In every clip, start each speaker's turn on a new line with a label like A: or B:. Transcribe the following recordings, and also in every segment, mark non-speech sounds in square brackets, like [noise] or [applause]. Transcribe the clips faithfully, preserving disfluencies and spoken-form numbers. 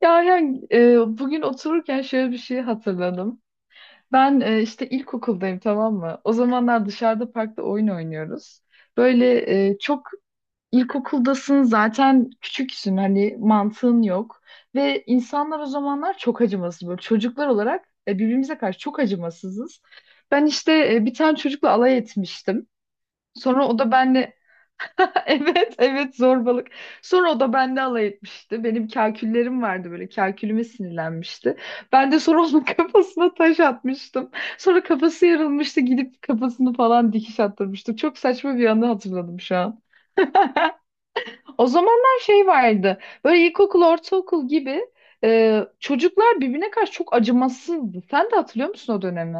A: Ya yani, e, bugün otururken şöyle bir şey hatırladım. Ben e, işte ilkokuldayım, tamam mı? O zamanlar dışarıda parkta oyun oynuyoruz. Böyle e, çok ilkokuldasın zaten, küçüksün, hani mantığın yok. Ve insanlar o zamanlar çok acımasız, böyle çocuklar olarak e, birbirimize karşı çok acımasızız. Ben işte e, bir tane çocukla alay etmiştim. Sonra o da benle [laughs] Evet, evet, zorbalık. Sonra o da bende alay etmişti. Benim kalküllerim vardı böyle. Kalkülüme sinirlenmişti. Ben de sonra onun [laughs] kafasına taş atmıştım. Sonra kafası yarılmıştı. Gidip kafasını falan dikiş attırmıştım. Çok saçma bir anı hatırladım şu an. O zamanlar şey vardı. Böyle ilkokul, ortaokul gibi e, çocuklar birbirine karşı çok acımasızdı. Sen de hatırlıyor musun o dönemi?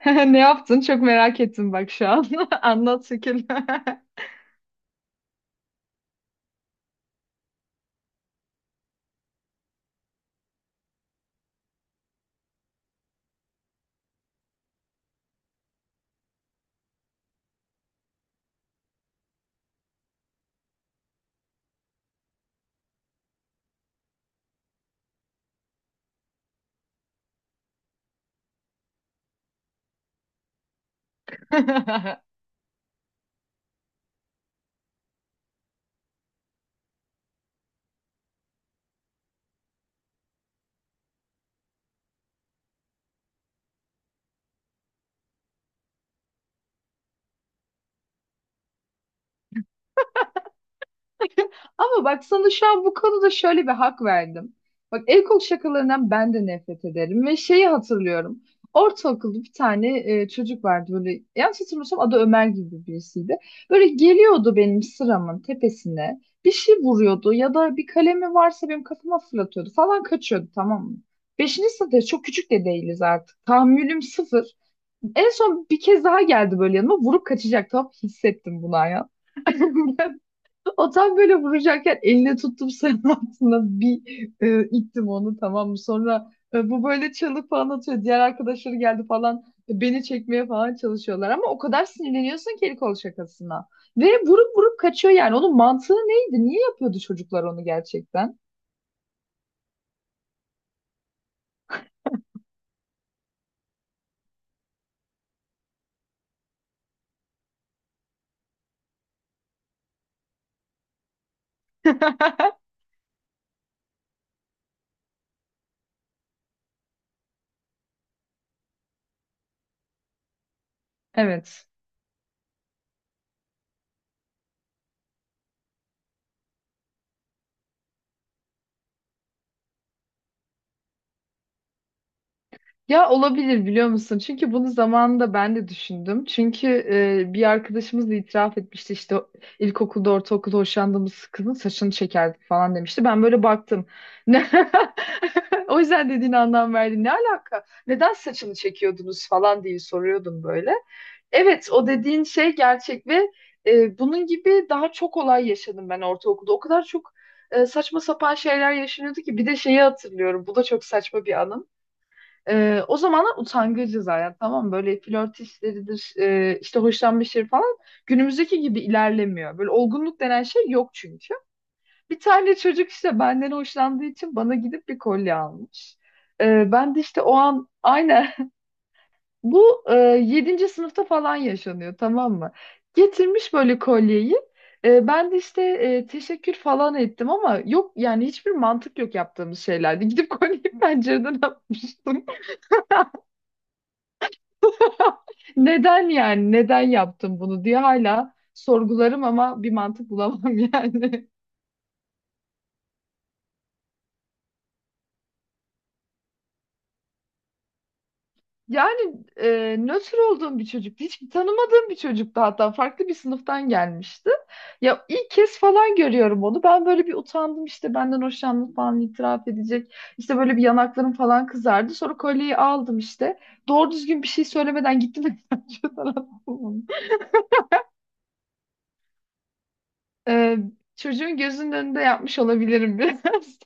A: [laughs] Ne yaptın? Çok merak ettim bak şu an. [laughs] Anlat şekil. [laughs] [laughs] Ama bak, sana şu an bu konuda şöyle bir hak verdim. Bak, el kol şakalarından ben de nefret ederim ve şeyi hatırlıyorum. Ortaokulda bir tane e, çocuk vardı, böyle yanlış hatırlamıyorsam adı Ömer gibi birisiydi. Böyle geliyordu benim sıramın tepesine, bir şey vuruyordu ya da bir kalemi varsa benim kafama fırlatıyordu falan, kaçıyordu, tamam mı? Beşinci sınıfta çok küçük de değiliz artık. Tahammülüm sıfır. En son bir kez daha geldi, böyle yanıma vurup kaçacak, tamam, hissettim bunu ya. [laughs] O tam böyle vuracakken eline tuttum, sarının altına bir e, ittim onu, tamam mı? Sonra e, bu böyle çalıp falan atıyor. Diğer arkadaşları geldi falan, e, beni çekmeye falan çalışıyorlar. Ama o kadar sinirleniyorsun ki el kol şakasına. Ve vurup vurup kaçıyor yani. Onun mantığı neydi? Niye yapıyordu çocuklar onu gerçekten? Evet. Ya, olabilir, biliyor musun? Çünkü bunu zamanında ben de düşündüm. Çünkü e, bir arkadaşımız da itiraf etmişti, işte ilkokulda, ortaokulda hoşlandığımız kızın saçını çekerdik falan demişti. Ben böyle baktım. Ne? [laughs] O yüzden dediğine anlam verdim. Ne alaka? Neden saçını çekiyordunuz falan diye soruyordum böyle. Evet, o dediğin şey gerçek ve e, bunun gibi daha çok olay yaşadım ben ortaokulda. O kadar çok e, saçma sapan şeyler yaşanıyordu ki, bir de şeyi hatırlıyorum. Bu da çok saçma bir anım. Ee, o zamanlar utangacı zaten, tamam mı? Böyle flört işleridir, e, işte hoşlanma işleri falan günümüzdeki gibi ilerlemiyor. Böyle olgunluk denen şey yok çünkü. Bir tane çocuk işte benden hoşlandığı için bana gidip bir kolye almış. Ee, ben de işte o an aynen [laughs] bu e, yedinci sınıfta falan yaşanıyor, tamam mı? Getirmiş böyle kolyeyi. Ee, ben de işte e, teşekkür falan ettim, ama yok yani, hiçbir mantık yok yaptığımız şeylerde. Gidip kolyeyi [laughs] pencereden atmıştım. [laughs] Neden yani? Neden yaptım bunu diye hala sorgularım ama bir mantık bulamam [laughs] yani. Yani e, nötr olduğum bir çocuk, hiç tanımadığım bir çocuktu, hatta farklı bir sınıftan gelmişti. Ya ilk kez falan görüyorum onu. Ben böyle bir utandım, işte benden hoşlandığını falan itiraf edecek. İşte böyle bir yanaklarım falan kızardı. Sonra kolyeyi aldım işte. Doğru düzgün bir şey söylemeden gittim. [laughs] Ee, çocuğun gözünün önünde yapmış olabilirim biraz.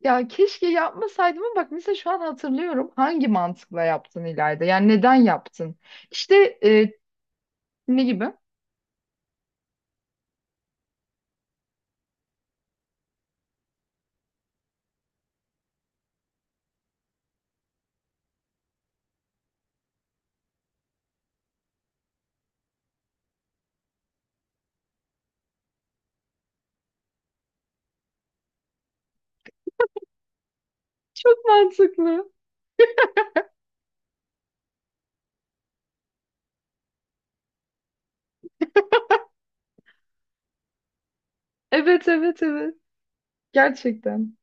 A: Ya keşke yapmasaydım, ama bak mesela şu an hatırlıyorum, hangi mantıkla yaptın İlayda? Yani neden yaptın? İşte e, ne gibi? Çok mantıklı. Evet, evet, evet. Gerçekten.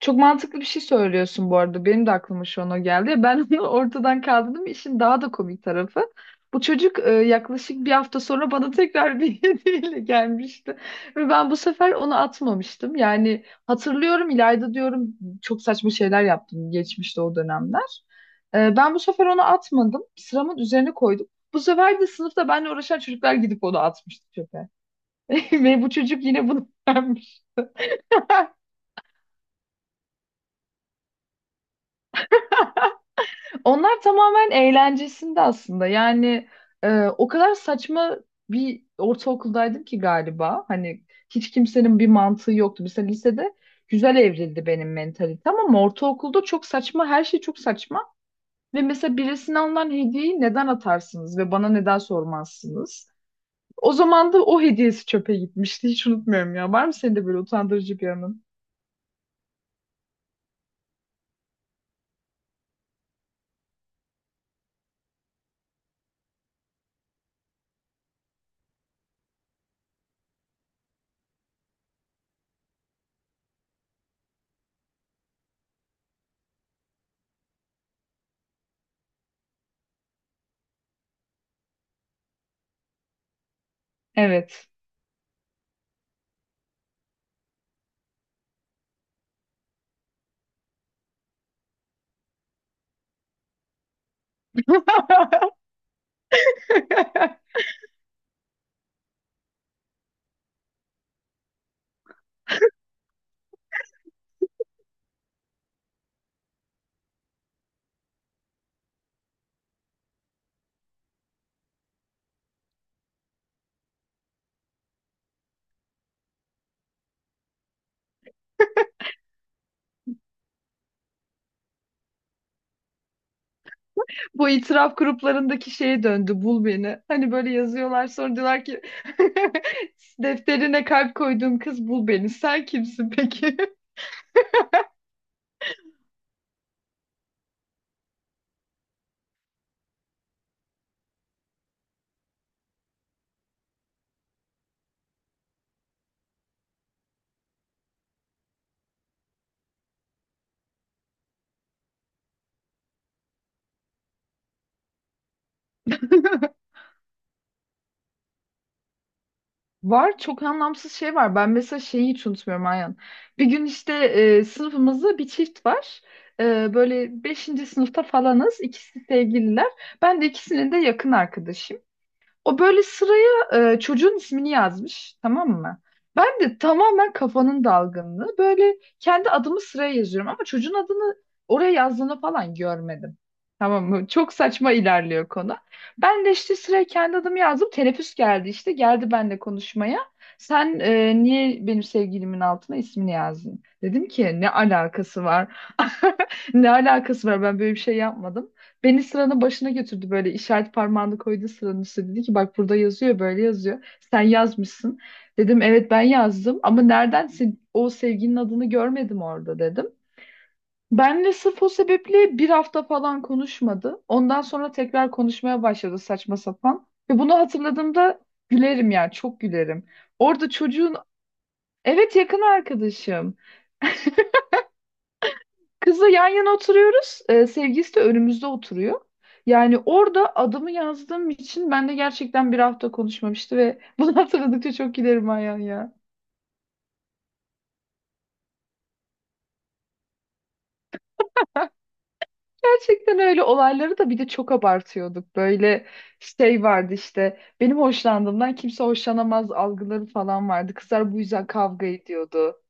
A: Çok mantıklı bir şey söylüyorsun bu arada. Benim de aklıma şu an o geldi. Ben [laughs] onu ortadan kaldırdım. İşin daha da komik tarafı. Bu çocuk e, yaklaşık bir hafta sonra bana tekrar bir [laughs] hediyeyle gelmişti. Ve ben bu sefer onu atmamıştım. Yani hatırlıyorum İlayda, diyorum çok saçma şeyler yaptım geçmişte o dönemler. E, ben bu sefer onu atmadım. Sıramın üzerine koydum. Bu sefer de sınıfta benimle uğraşan çocuklar gidip onu atmıştı çöpe. [laughs] Ve bu çocuk yine bunu [laughs] beğenmiş. [laughs] Onlar tamamen eğlencesinde aslında. Yani e, o kadar saçma bir ortaokuldaydım ki galiba. Hani hiç kimsenin bir mantığı yoktu. Mesela lisede güzel evrildi benim mentalitem, ama ortaokulda çok saçma, her şey çok saçma. Ve mesela birisine alınan hediyeyi neden atarsınız ve bana neden sormazsınız? O zaman da o hediyesi çöpe gitmişti. Hiç unutmuyorum ya. Var mı senin de böyle utandırıcı bir anın? Evet. [laughs] Bu itiraf gruplarındaki şeye döndü, bul beni. Hani böyle yazıyorlar, sonra diyorlar ki [laughs] defterine kalp koyduğum kız, bul beni. Sen kimsin peki? [laughs] Var, çok anlamsız şey var. Ben mesela şeyi hiç unutmuyorum Ayhan. Bir gün işte e, sınıfımızda bir çift var. E, böyle beşinci sınıfta falanız. İkisi sevgililer. Ben de ikisinin de yakın arkadaşım. O böyle sıraya e, çocuğun ismini yazmış, tamam mı? Ben de tamamen kafanın dalgınlığı. Böyle kendi adımı sıraya yazıyorum, ama çocuğun adını oraya yazdığını falan görmedim. Tamam mı? Çok saçma ilerliyor konu. Ben de işte sıraya kendi adımı yazdım. Teneffüs geldi işte. Geldi benimle konuşmaya. Sen e, niye benim sevgilimin altına ismini yazdın? Dedim ki ne alakası var? [laughs] Ne alakası var? Ben böyle bir şey yapmadım. Beni sıranın başına götürdü, böyle işaret parmağını koydu sıranın üstüne. Dedi ki bak, burada yazıyor, böyle yazıyor. Sen yazmışsın. Dedim evet, ben yazdım ama nereden se- o sevginin adını görmedim orada dedim. Benle sırf o sebeple bir hafta falan konuşmadı. Ondan sonra tekrar konuşmaya başladı, saçma sapan. Ve bunu hatırladığımda gülerim yani, çok gülerim. Orada çocuğun evet yakın arkadaşım. Kızla yan yana oturuyoruz. Ee, sevgilisi de önümüzde oturuyor. Yani orada adımı yazdığım için ben de gerçekten bir hafta konuşmamıştı ve [laughs] bunu hatırladıkça çok gülerim Ayhan ya. Gerçekten öyle olayları da bir de çok abartıyorduk. Böyle şey vardı işte, benim hoşlandığımdan kimse hoşlanamaz algıları falan vardı. Kızlar bu yüzden kavga ediyordu.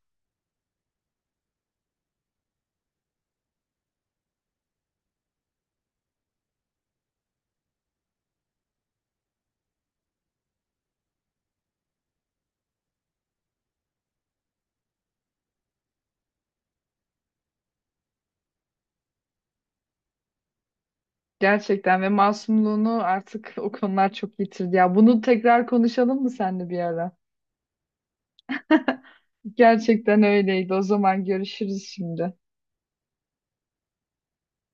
A: Gerçekten ve masumluğunu artık [laughs] o konular çok yitirdi. Ya bunu tekrar konuşalım mı seninle bir ara? [laughs] Gerçekten öyleydi. O zaman görüşürüz şimdi.